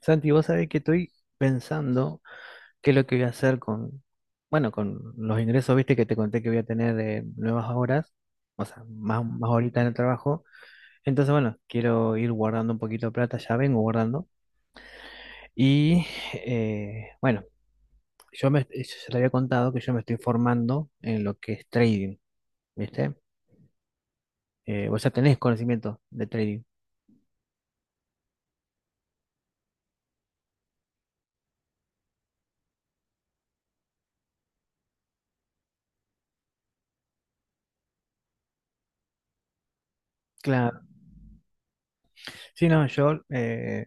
Santi, vos sabés que estoy pensando qué es lo que voy a hacer con, bueno, con los ingresos, viste, que te conté que voy a tener de nuevas horas, o sea, más, más horitas en el trabajo. Entonces, bueno, quiero ir guardando un poquito de plata, ya vengo guardando. Y, bueno, yo ya te había contado que yo me estoy formando en lo que es trading, viste. Vos ya tenés conocimiento de trading. Claro. Sí, no, yo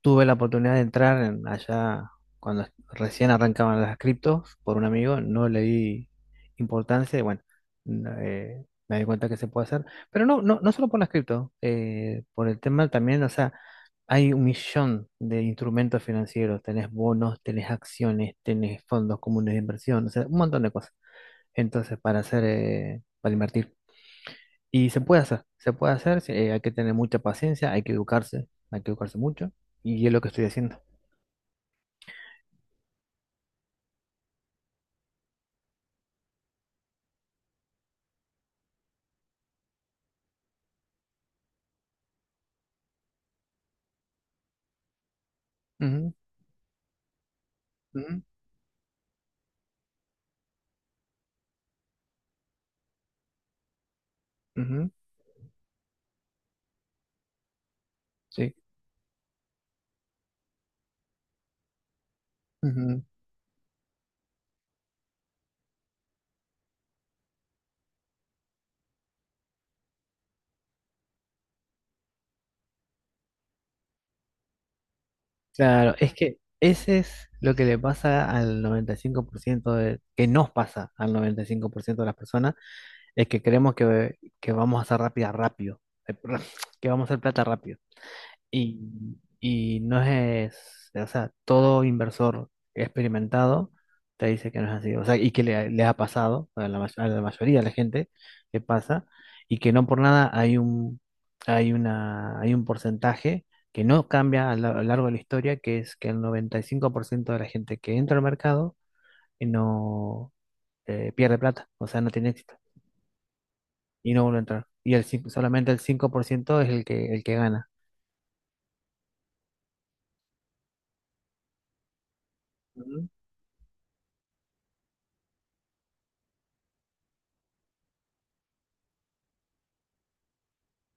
tuve la oportunidad de entrar allá cuando recién arrancaban las criptos por un amigo, no le di importancia. Y bueno, me di cuenta que se puede hacer, pero no, no, no solo por las criptos, por el tema también, o sea, hay un millón de instrumentos financieros, tenés bonos, tenés acciones, tenés fondos comunes de inversión, o sea, un montón de cosas. Entonces, para invertir. Y se puede hacer, sí, hay que tener mucha paciencia, hay que educarse mucho, y es lo que estoy haciendo. Ujú, ujú, ujú, sí, ujú. Claro, es que ese es lo que le pasa al 95% de, que nos pasa al 95% de las personas, es que creemos que vamos a hacer perdón, que vamos a hacer plata rápido. Y no es, o sea, todo inversor experimentado te dice que no es así, o sea, y que le ha pasado a a la mayoría de la gente que pasa, y que no por nada hay un porcentaje que no cambia a lo largo de la historia, que es que el 95% de la gente que entra al mercado, no pierde plata, o sea, no tiene éxito, y no vuelve a entrar. Cinco, solamente el 5% es el que gana. Ujú.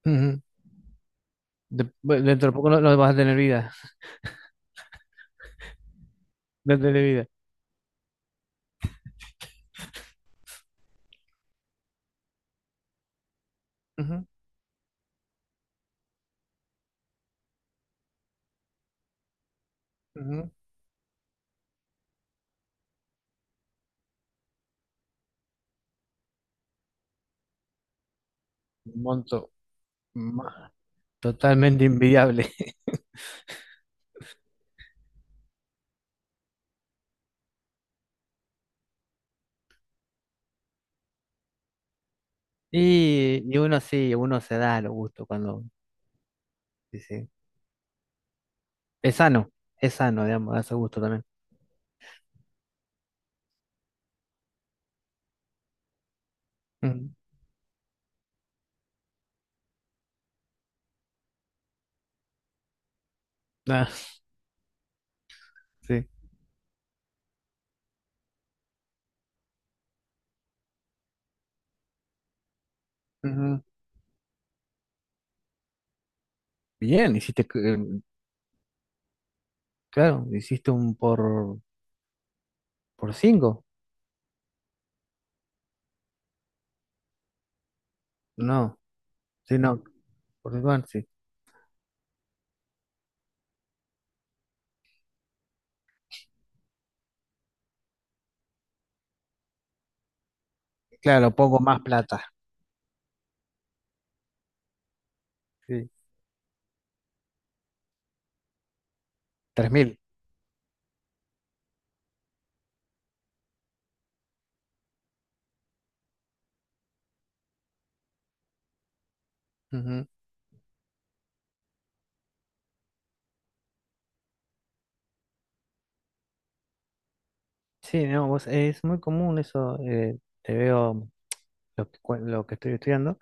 Bueno, dentro de poco no, no vas a tener vida. No tener vida. Ujú, ujú. Un monto ma- totalmente invidiable. Y uno sí, uno se da los gustos cuando, sí, sí. Es sano, es sano, digamos, darse gusto también. Ujú. Ah, sí. Ujú. Bien, hiciste, claro, hiciste un por cinco. No, sí, no, por cinco, bueno, sí. Claro, pongo más plata. Sí, tres mil. Ujú. Sí, no, es muy común eso. Te veo. Lo que estoy estudiando.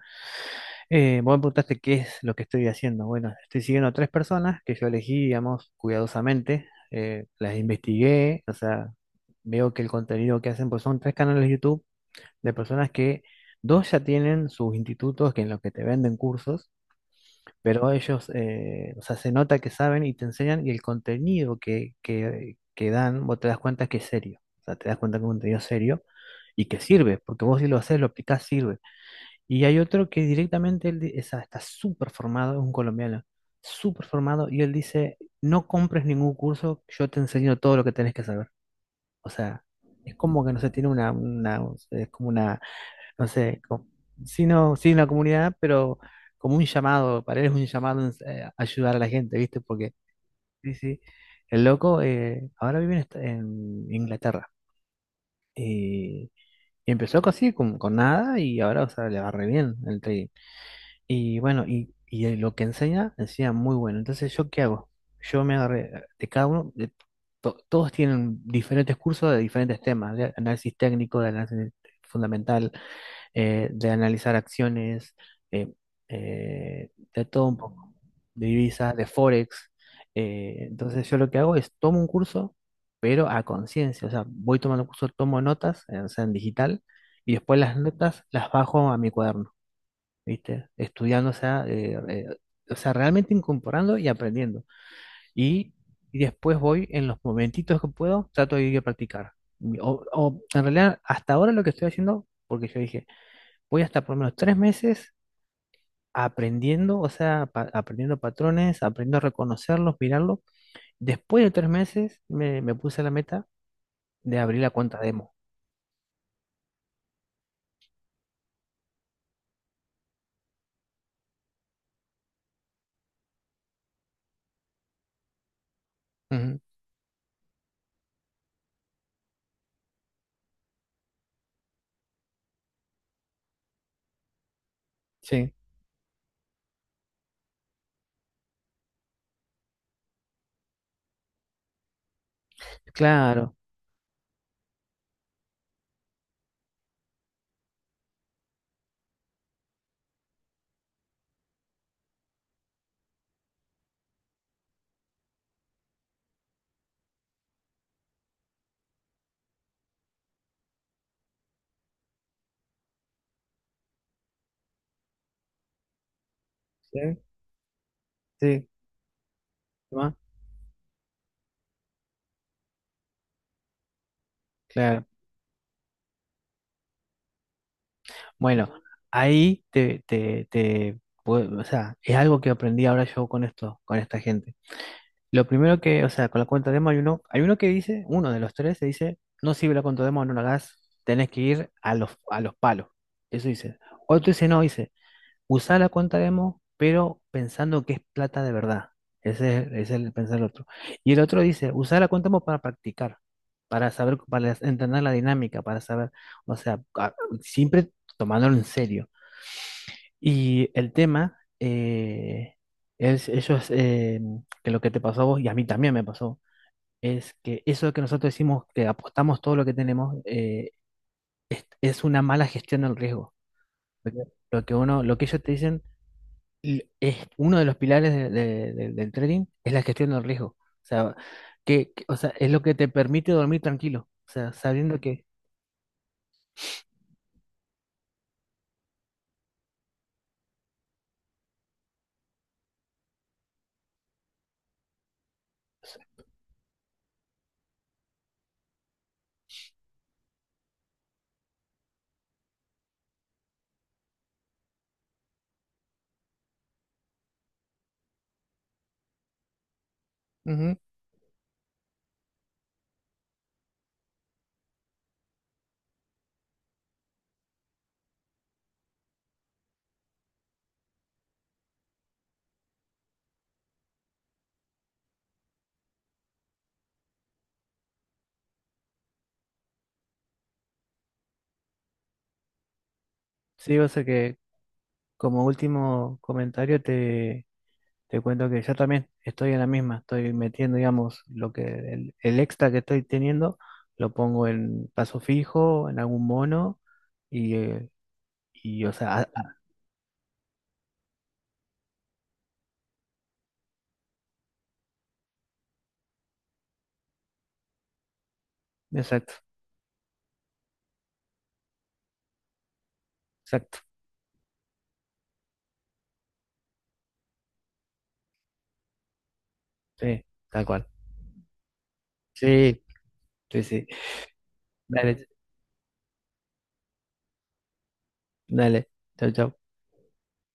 Vos me preguntaste qué es lo que estoy haciendo. Bueno, estoy siguiendo a tres personas que yo elegí, digamos, cuidadosamente. Las investigué, o sea, veo que el contenido que hacen, pues son tres canales de YouTube de personas que dos ya tienen sus institutos que en los que te venden cursos, pero ellos, o sea, se nota que saben y te enseñan y el contenido que dan, vos te das cuenta que es serio. O sea, te das cuenta que es un contenido serio y que sirve, porque vos si lo haces, lo aplicás, sirve. Y hay otro que directamente él está súper formado, es un colombiano, súper formado, y él dice, no compres ningún curso, yo te enseño todo lo que tenés que saber. O sea, es como que no sé, tiene una, es como una, no sé, como, sí, no, sí, la comunidad, pero como un llamado, para él es un llamado a ayudar a la gente, ¿viste? Porque, sí, sí, el loco, ahora vive en, en Inglaterra. Y, y empezó así, con nada, y ahora, o sea, le va re bien el trading. Y bueno, lo que enseña, enseña muy bueno. Entonces, ¿yo qué hago? Yo me agarré, de cada uno, de todos tienen diferentes cursos de diferentes temas, de análisis técnico, de análisis fundamental, de analizar acciones, eh, de todo un poco, de divisas, de forex. Entonces, yo lo que hago es tomo un curso, pero a conciencia, o sea, voy tomando cursos, tomo notas, o sea, en digital, y después las notas las bajo a mi cuaderno. ¿Viste? Estudiando, o sea, realmente incorporando y aprendiendo. Y, y después voy en los momentitos que puedo, trato de ir a practicar. En realidad, hasta ahora lo que estoy haciendo, porque yo dije, voy hasta por lo menos 3 meses aprendiendo, o sea, aprendiendo patrones, aprendiendo a reconocerlos, mirarlos. Después de 3 meses me puse la meta de abrir la cuenta demo. Ujú. Sí, claro. Sí, sí, ¿no? Claro. Bueno, ahí o sea, es algo que aprendí ahora yo con esto, con esta gente. Lo primero que, o sea, con la cuenta demo hay uno que dice, uno de los tres se dice, no sirve la cuenta demo, no la hagas, tenés que ir a a los palos. Eso dice. Otro dice, no, dice, usá la cuenta demo, pero pensando que es plata de verdad. Ese es el pensar del otro. Y el otro dice, usá la cuenta demo para practicar, para saber, para entender la dinámica, para saber, o sea, siempre tomándolo en serio. Y el tema es, eso es que lo que te pasó a vos y a mí también me pasó, es que eso que nosotros decimos que apostamos todo lo que tenemos es una mala gestión del riesgo. Porque lo que uno, lo que ellos te dicen es uno de los pilares del trading es la gestión del riesgo. O sea, o sea, es lo que te permite dormir tranquilo. O sea, sabiendo que. Ujú. Sí, o sea que, como último comentario, Te cuento que yo también estoy en la misma, estoy metiendo, digamos, lo que el extra que estoy teniendo, lo pongo en paso fijo, en algún mono, y, eh, y o sea, exacto, exacto, sí, tal cual. Sí, sí, sí. Dale, dale, chao, chao.